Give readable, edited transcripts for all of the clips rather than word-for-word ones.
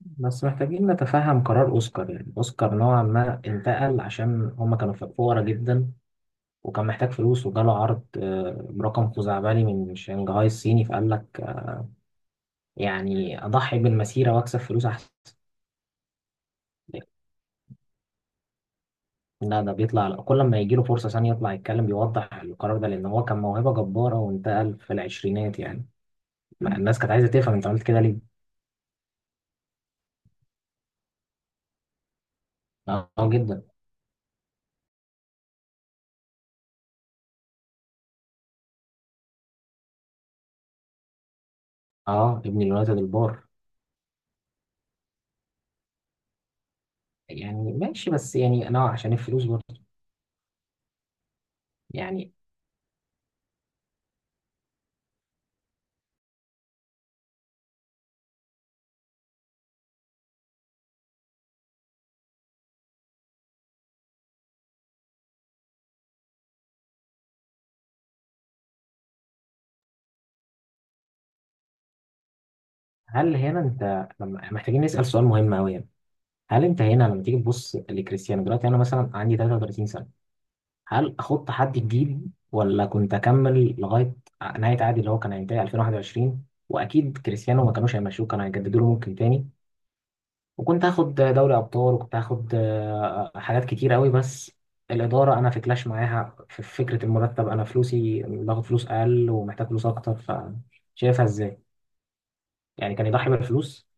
بس محتاجين نتفهم قرار أوسكار. يعني أوسكار نوعا ما انتقل عشان هما كانوا فقراء جدا، وكان محتاج فلوس، وجاله عرض برقم خزعبلي من شنغهاي الصيني، فقال لك يعني أضحي بالمسيرة وأكسب فلوس أحسن. لا، ده بيطلع كل ما يجي له فرصة ثانية يطلع يتكلم بيوضح القرار ده، لأن هو كان موهبة جبارة وانتقل في العشرينات يعني، ما الناس كانت عايزة تفهم أنت عملت كده ليه؟ أه آه، جدا. أه، ابن اليونايتد البار. يعني ماشي، بس يعني أنا عشان الفلوس برضه يعني. هل هنا انت، لما احنا محتاجين نسأل سؤال مهم قوي يعني، هل انت هنا لما تيجي تبص لكريستيانو دلوقتي، انا مثلا عندي 33 سنة، هل احط حد جديد ولا كنت اكمل لغاية نهاية عقدي اللي هو كان هينتهي 2021؟ واكيد كريستيانو ما كانوش هيمشوه، كانوا هيجددوا له ممكن تاني، وكنت هاخد دوري ابطال، وكنت هاخد حاجات كتير قوي. بس الإدارة أنا في كلاش معاها في فكرة المرتب، أنا فلوسي باخد فلوس أقل ومحتاج فلوس أكتر. فشايفها إزاي؟ يعني كان يضحي بالفلوس.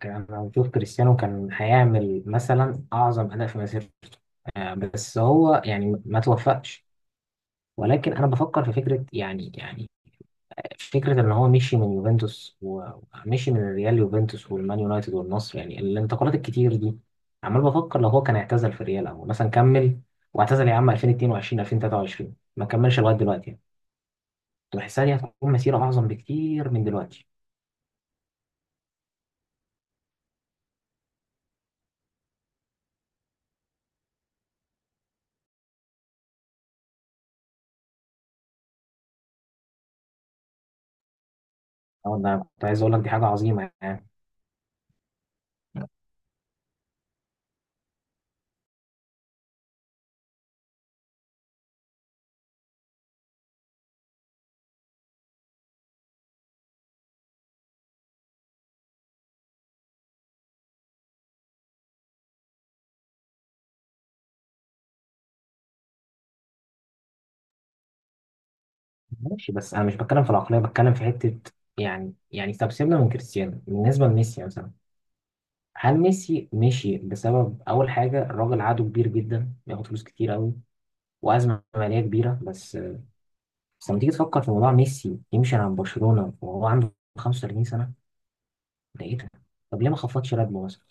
كان المفروض كريستيانو كان هيعمل مثلا اعظم اداء في مسيرته، بس هو يعني ما توفقش. ولكن انا بفكر في فكره يعني، فكره ان هو مشي من يوفنتوس ومشي من الريال، يوفنتوس والمان يونايتد والنصر، يعني الانتقالات الكتير دي. عمال بفكر لو هو كان اعتزل في الريال، او مثلا كمل واعتزل يا عم 2022 2023، ما كملش لغايه دلوقتي يعني. كنت بحسها دي هتكون مسيره اعظم بكتير من دلوقتي. أو أنا كنت عايز اقول لك دي حاجه عظيمه يعني. ماشي، بس انا مش بتكلم في العقليه، بتكلم في حته. يعني طب سيبنا من كريستيانو، بالنسبه لميسي مثلا، هل ميسي مشي بسبب اول حاجه؟ الراجل عقده كبير جدا، بياخد فلوس كتير قوي، وازمه ماليه كبيره. بس لما تيجي تفكر في موضوع ميسي يمشي عن برشلونه وهو عنده 35 سنه، ده ايه ده؟ طب ليه ما خفضش راتبه مثلا؟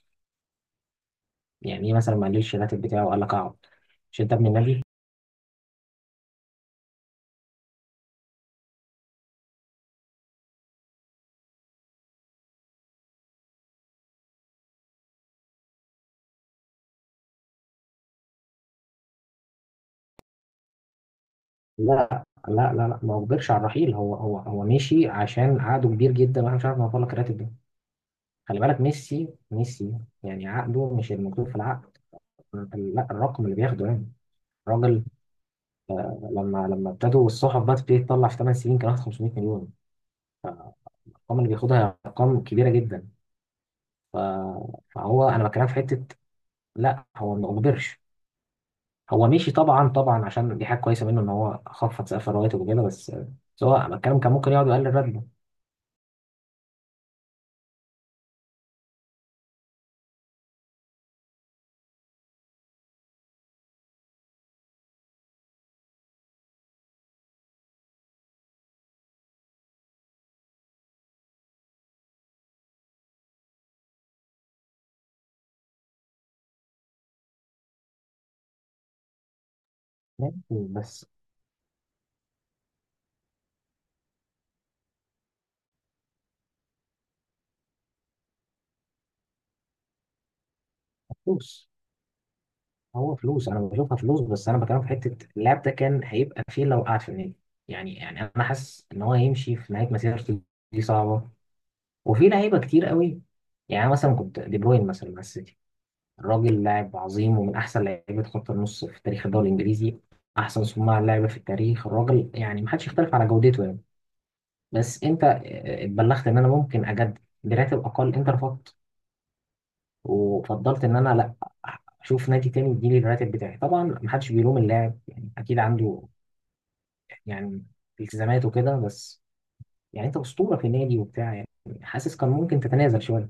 يعني ايه مثلا ما قللش الراتب بتاعه، وقال لك اقعد، مش انت ابن النبي؟ لا لا لا لا، ما اجبرش على الرحيل. هو مشي عشان عقده كبير جدا، واحنا مش عارف نوفر لك الراتب ده. خلي بالك، ميسي يعني عقده، مش المكتوب في العقد. لا، الرقم اللي بياخده يعني، الراجل لما ابتدوا الصحف بقى تبتدي تطلع، في 8 سنين كان واخد 500 مليون. الارقام اللي بياخدها هي ارقام كبيره جدا. ف- فهو انا بتكلم في حته، لا هو ما اجبرش. هو مشي طبعا طبعا، عشان دي حاجه كويسه منه ان هو خفض سقف الرواتب وكده، بس هو، أنا بتكلم كان ممكن يقعد يقلل راتبه. ماشي، بس. فلوس. هو فلوس، انا بشوفها فلوس، بس انا بكلمك في حته، اللاعب ده كان هيبقى فين لو قعد في النادي؟ يعني انا حاسس ان هو هيمشي في نهايه مسيرته، دي صعبه، وفي لعيبه كتير قوي. يعني أنا مثلا كنت دي بروين مثلا مع السيتي، الراجل لاعب عظيم، ومن احسن لعيبه خط النص في تاريخ الدوري الانجليزي، احسن صناع لعبه في التاريخ، الراجل يعني ما حدش يختلف على جودته يعني. بس انت اتبلغت ان انا ممكن اجدد براتب اقل، انت رفضت وفضلت ان انا لا، اشوف نادي تاني يديني الراتب بتاعي. طبعا محدش بيلوم اللاعب، يعني اكيد عنده يعني التزامات وكده، بس يعني انت اسطوره في نادي وبتاع يعني، حاسس كان ممكن تتنازل شويه،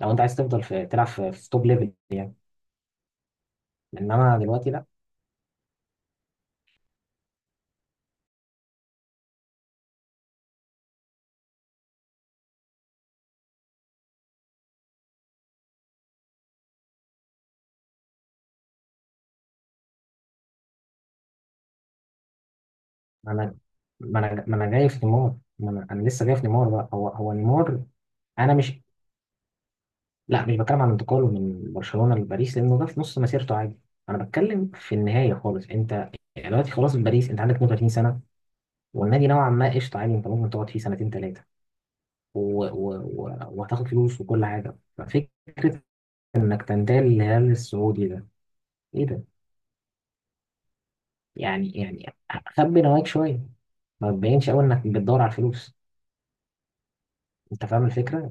لو انت عايز تفضل في تلعب في توب ليفل يعني، انما دلوقتي لا. انا ما انا ما انا جاي في نيمار، ما انا, أنا لسه جاي في نيمار بقى، هو نيمار. انا مش، لا مش بتكلم عن انتقاله من برشلونه لباريس، لانه ده في نص مسيرته عادي، انا بتكلم في النهايه خالص. انت يعني دلوقتي خلاص في باريس، انت عندك 32، والنادي نوعا ما قشطه عادي، انت ممكن تقعد فيه سنتين ثلاثه، وهتاخد فلوس وكل حاجه. ففكره انك تنتقل للهلال السعودي ده، ايه ده؟ يعني خبي نواياك شويه، ما تبينش قوي انك بتدور على الفلوس. انت فاهم الفكره؟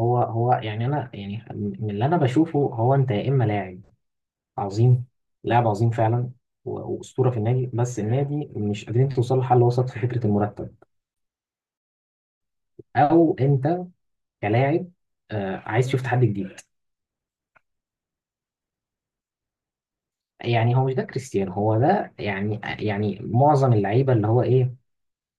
هو يعني انا، يعني من اللي انا بشوفه، هو انت يا اما لاعب عظيم، لاعب عظيم فعلا واسطوره في النادي، بس النادي مش قادرين توصلوا لحل وسط في فكره المرتب، او انت كلاعب عايز تشوف تحدي جديد. يعني هو مش ده كريستيانو هو ده، يعني معظم اللعيبه اللي هو ايه،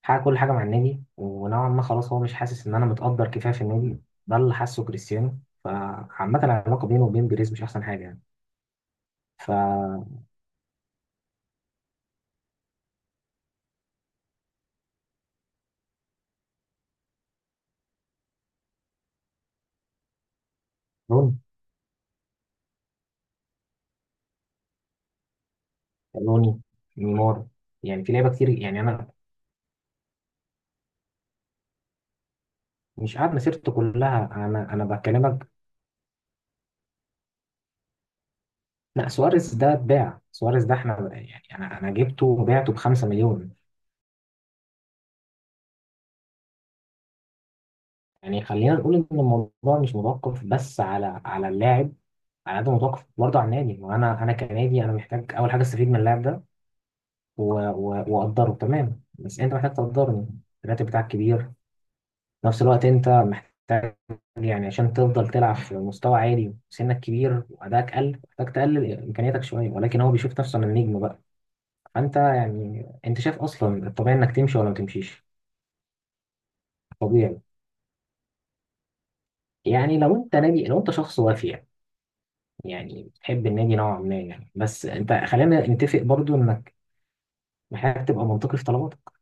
حقق كل حاجه مع النادي، ونوعا ما خلاص هو مش حاسس ان انا متقدر كفايه في النادي، ده اللي حاسه كريستيانو، فعامه العلاقه بينه وبين بيريز مش احسن حاجه يعني. فروني. روني، روني، نيمار، يعني في لعيبه كتير يعني. انا، مش قاعد مسيرته كلها، انا بكلمك. لا سواريز ده اتباع، سواريز ده احنا يعني انا جبته وبعته ب 5 مليون. يعني خلينا نقول ان الموضوع مش متوقف بس على اللاعب، على قد ما متوقف برضه على النادي، وانا كنادي، انا محتاج اول حاجه استفيد من اللاعب ده واقدره تمام، بس انت محتاج تقدرني، الراتب بتاعك كبير. في نفس الوقت انت محتاج، يعني عشان تفضل تلعب في مستوى عالي، سنك كبير وادائك قل، محتاج تقلل امكانياتك شويه، ولكن هو بيشوف نفسه من النجم بقى. فانت يعني، انت شايف اصلا الطبيعي انك تمشي ولا ما تمشيش؟ طبيعي، يعني لو انت نادي، لو انت شخص وافي، يعني بتحب النادي نوعا ما يعني، بس انت خلينا نتفق برضو انك محتاج تبقى منطقي في طلباتك.